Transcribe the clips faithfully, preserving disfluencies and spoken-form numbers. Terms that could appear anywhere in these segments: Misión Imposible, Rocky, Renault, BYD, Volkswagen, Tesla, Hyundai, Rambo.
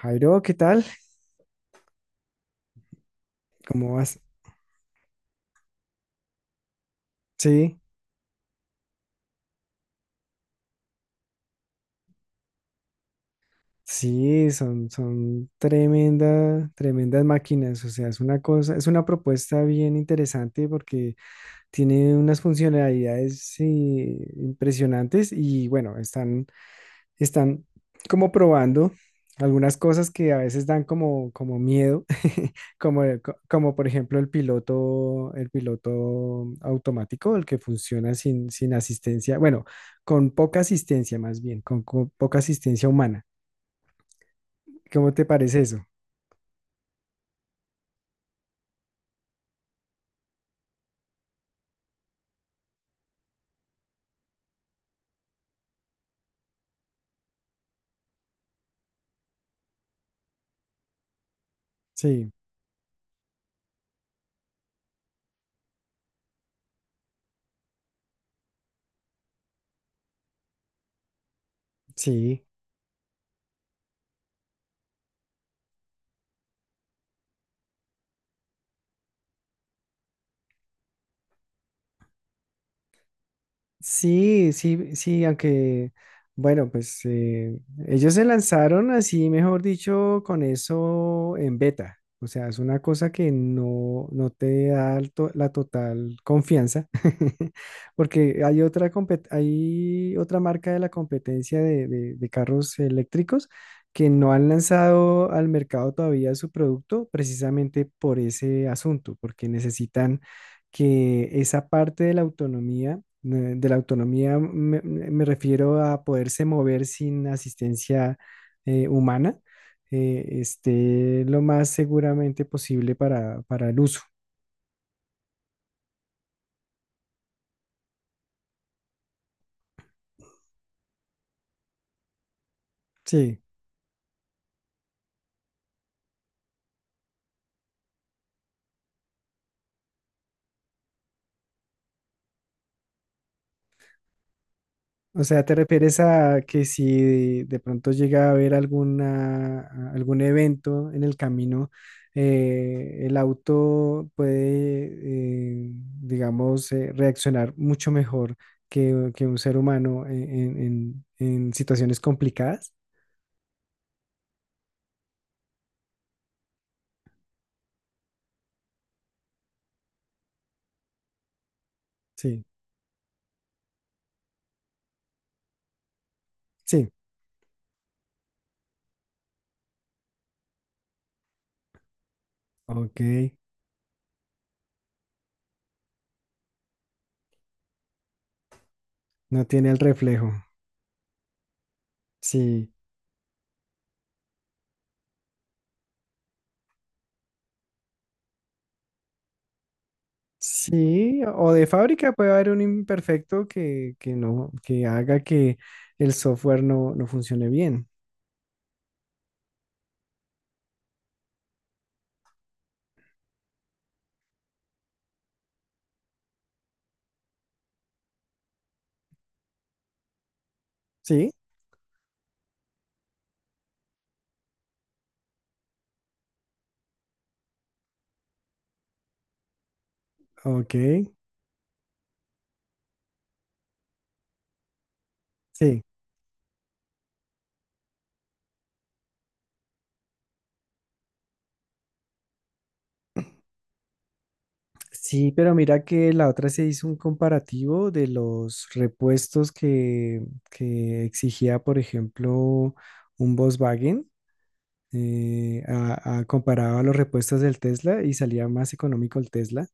Jairo, ¿qué tal? ¿Cómo vas? Sí, sí, son, son tremenda, tremendas máquinas. O sea, es una cosa, es una propuesta bien interesante porque tiene unas funcionalidades eh, impresionantes y bueno, están están como probando algunas cosas que a veces dan como, como miedo, como, co- como por ejemplo el piloto, el piloto automático, el que funciona sin, sin asistencia, bueno, con poca asistencia más bien, con, con poca asistencia humana. ¿Cómo te parece eso? Sí, sí. Sí, sí, sí, aunque, bueno, pues eh, ellos se lanzaron así, mejor dicho, con eso en beta. O sea, es una cosa que no, no te da el to- la total confianza. Porque hay otra, compet- hay otra marca de la competencia de, de de carros eléctricos que no han lanzado al mercado todavía su producto precisamente por ese asunto, porque necesitan que esa parte de la autonomía, eh, de la autonomía me, me refiero a poderse mover sin asistencia eh, humana, eh, esté lo más seguramente posible para, para el uso. Sí. O sea, ¿te refieres a que si de pronto llega a haber alguna, algún evento en el camino, eh, el auto puede, eh, digamos, eh, reaccionar mucho mejor que, que un ser humano en, en- en- en situaciones complicadas? Sí, sí, ok, no tiene el reflejo. Sí, sí, o de fábrica puede haber un imperfecto que, que no, que haga que el software no, no funcione bien. Sí, ok, sí. Sí, pero mira que la otra se hizo un comparativo de los repuestos que, que exigía, por ejemplo, un Volkswagen, eh, a- a- comparado a los repuestos del Tesla y salía más económico el Tesla.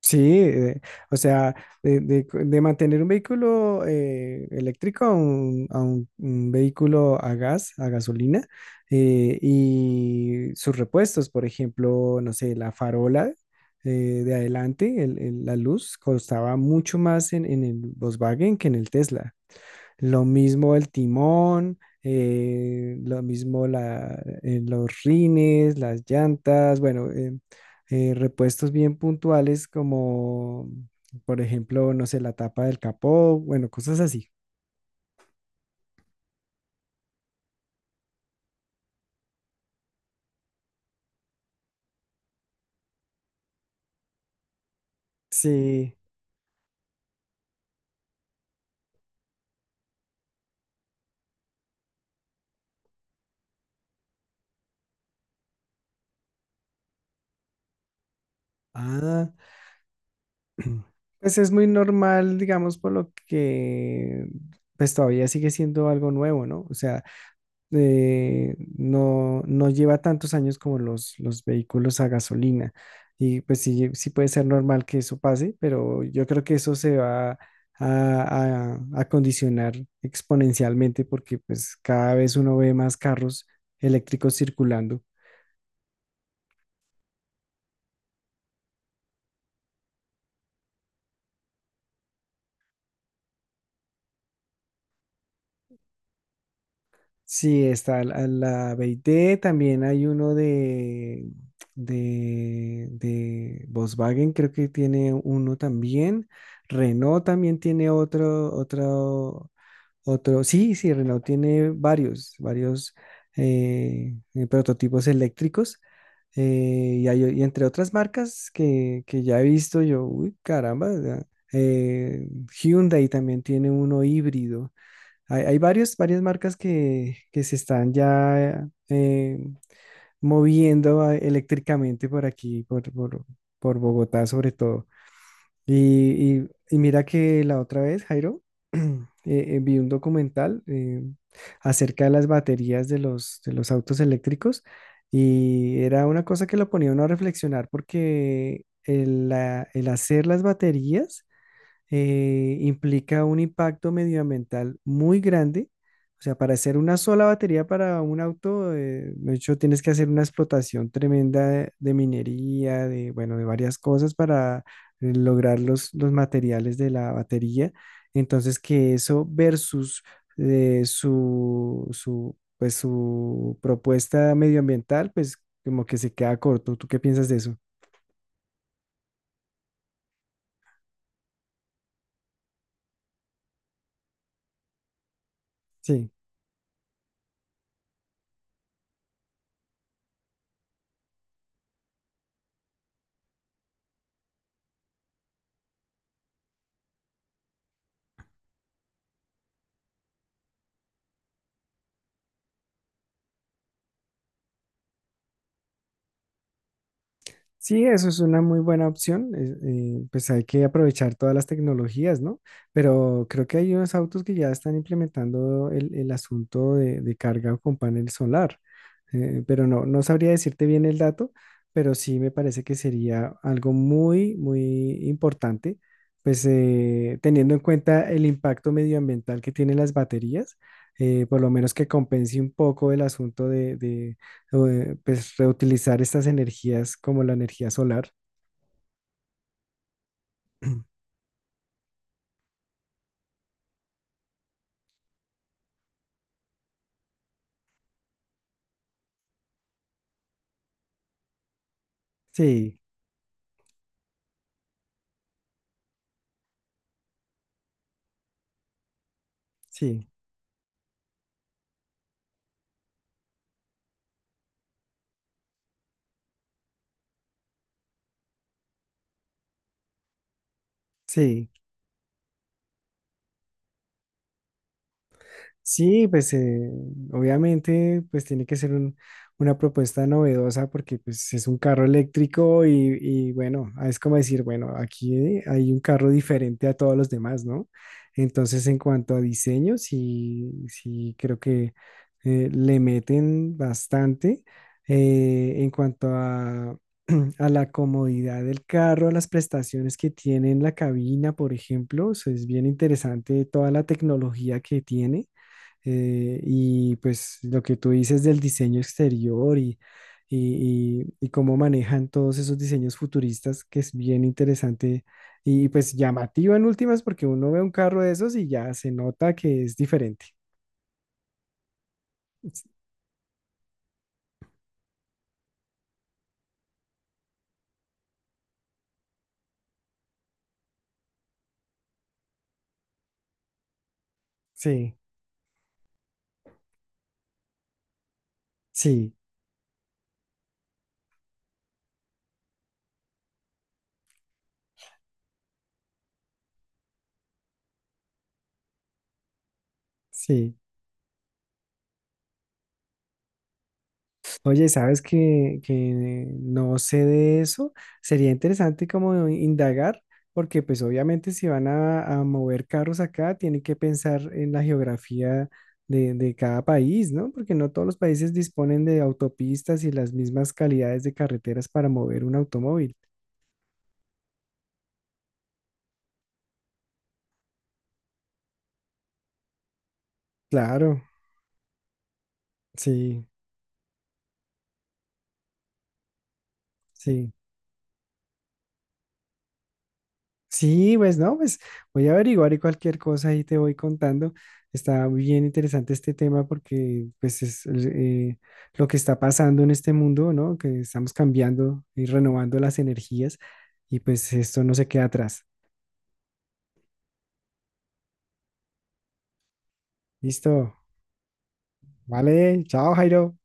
Sí, eh, o sea, de, de- de mantener un vehículo eh, eléctrico a un, a un- un vehículo a gas, a gasolina, eh, y sus repuestos, por ejemplo, no sé, la farola eh, de adelante, el- el- la luz, costaba mucho más en, en el Volkswagen que en el Tesla. Lo mismo el timón, eh, lo mismo la, eh, los rines, las llantas, bueno, eh, eh, repuestos bien puntuales como, por ejemplo, no sé, la tapa del capó, bueno, cosas así. Sí. Ah, pues es muy normal, digamos, por lo que pues todavía sigue siendo algo nuevo, ¿no? O sea, eh, no, no lleva tantos años como los, los vehículos a gasolina. Y pues sí, sí puede ser normal que eso pase, pero yo creo que eso se va a, a, a condicionar exponencialmente porque pues cada vez uno ve más carros eléctricos circulando. Sí, está la, la B Y D. También hay uno de, de, de Volkswagen, creo que tiene uno también. Renault también tiene otro, otro, otro, sí, sí, Renault tiene varios, varios eh, eh, prototipos eléctricos eh, y, hay- y entre otras marcas que, que ya he visto yo, uy, caramba, ya, eh, Hyundai también tiene uno híbrido. Hay, hay varios, varias marcas que, que se están ya eh, moviendo ah, eléctricamente por aquí, por, por, por Bogotá sobre todo. Y, y- y mira que la otra vez, Jairo, eh, eh, vi un documental eh, acerca de las baterías de los, de los autos eléctricos y era una cosa que lo ponía uno a reflexionar porque el, la- el hacer las baterías eh, implica un impacto medioambiental muy grande. O sea, para hacer una sola batería para un auto, eh, de hecho, tienes que hacer una explotación tremenda de, de minería, de, bueno, de varias cosas para eh, lograr los, los materiales de la batería. Entonces, que eso versus eh, su, su, pues, su propuesta medioambiental, pues como que se queda corto. ¿Tú qué piensas de eso? Sí. Sí, eso es una muy buena opción. Es- eh, pues hay que aprovechar todas las tecnologías, ¿no? Pero creo que hay unos autos que ya están implementando el, el asunto de, de carga con panel solar, eh, pero no, no sabría decirte bien el dato, pero sí me parece que sería algo muy, muy importante, pues eh, teniendo en cuenta el impacto medioambiental que tienen las baterías, eh, por lo menos que compense un poco el asunto de, de, eh, pues, reutilizar estas energías como la energía solar. Sí, sí, sí. Sí, pues eh, obviamente pues tiene que ser un- una propuesta novedosa porque pues es un carro eléctrico y, y bueno, ah, es como decir, bueno, aquí hay un carro diferente a todos los demás, ¿no? Entonces en cuanto a diseño, sí, sí creo que eh, le meten bastante eh, en cuanto a, a la comodidad del carro, a las prestaciones que tiene en la cabina, por ejemplo, o sea, es bien interesante toda la tecnología que tiene. Eh, y pues lo que tú dices del diseño exterior y, y, y- y cómo manejan todos esos diseños futuristas, que es bien interesante y pues llamativo en últimas, porque uno ve un carro de esos y ya se nota que es diferente. Sí, sí, sí. Oye, ¿sabes que, que no sé de eso? Sería interesante como indagar, porque pues obviamente si van a, a mover carros acá, tienen que pensar en la geografía de, de cada país, ¿no? Porque no todos los países disponen de autopistas y las mismas calidades de carreteras para mover un automóvil. Claro, sí, sí. Sí, pues no, pues voy a averiguar y cualquier cosa ahí te voy contando. Está muy bien interesante este tema porque pues es eh, lo que está pasando en este mundo, ¿no? Que estamos cambiando y renovando las energías y pues esto no se queda atrás. Listo. Vale, chao Jairo.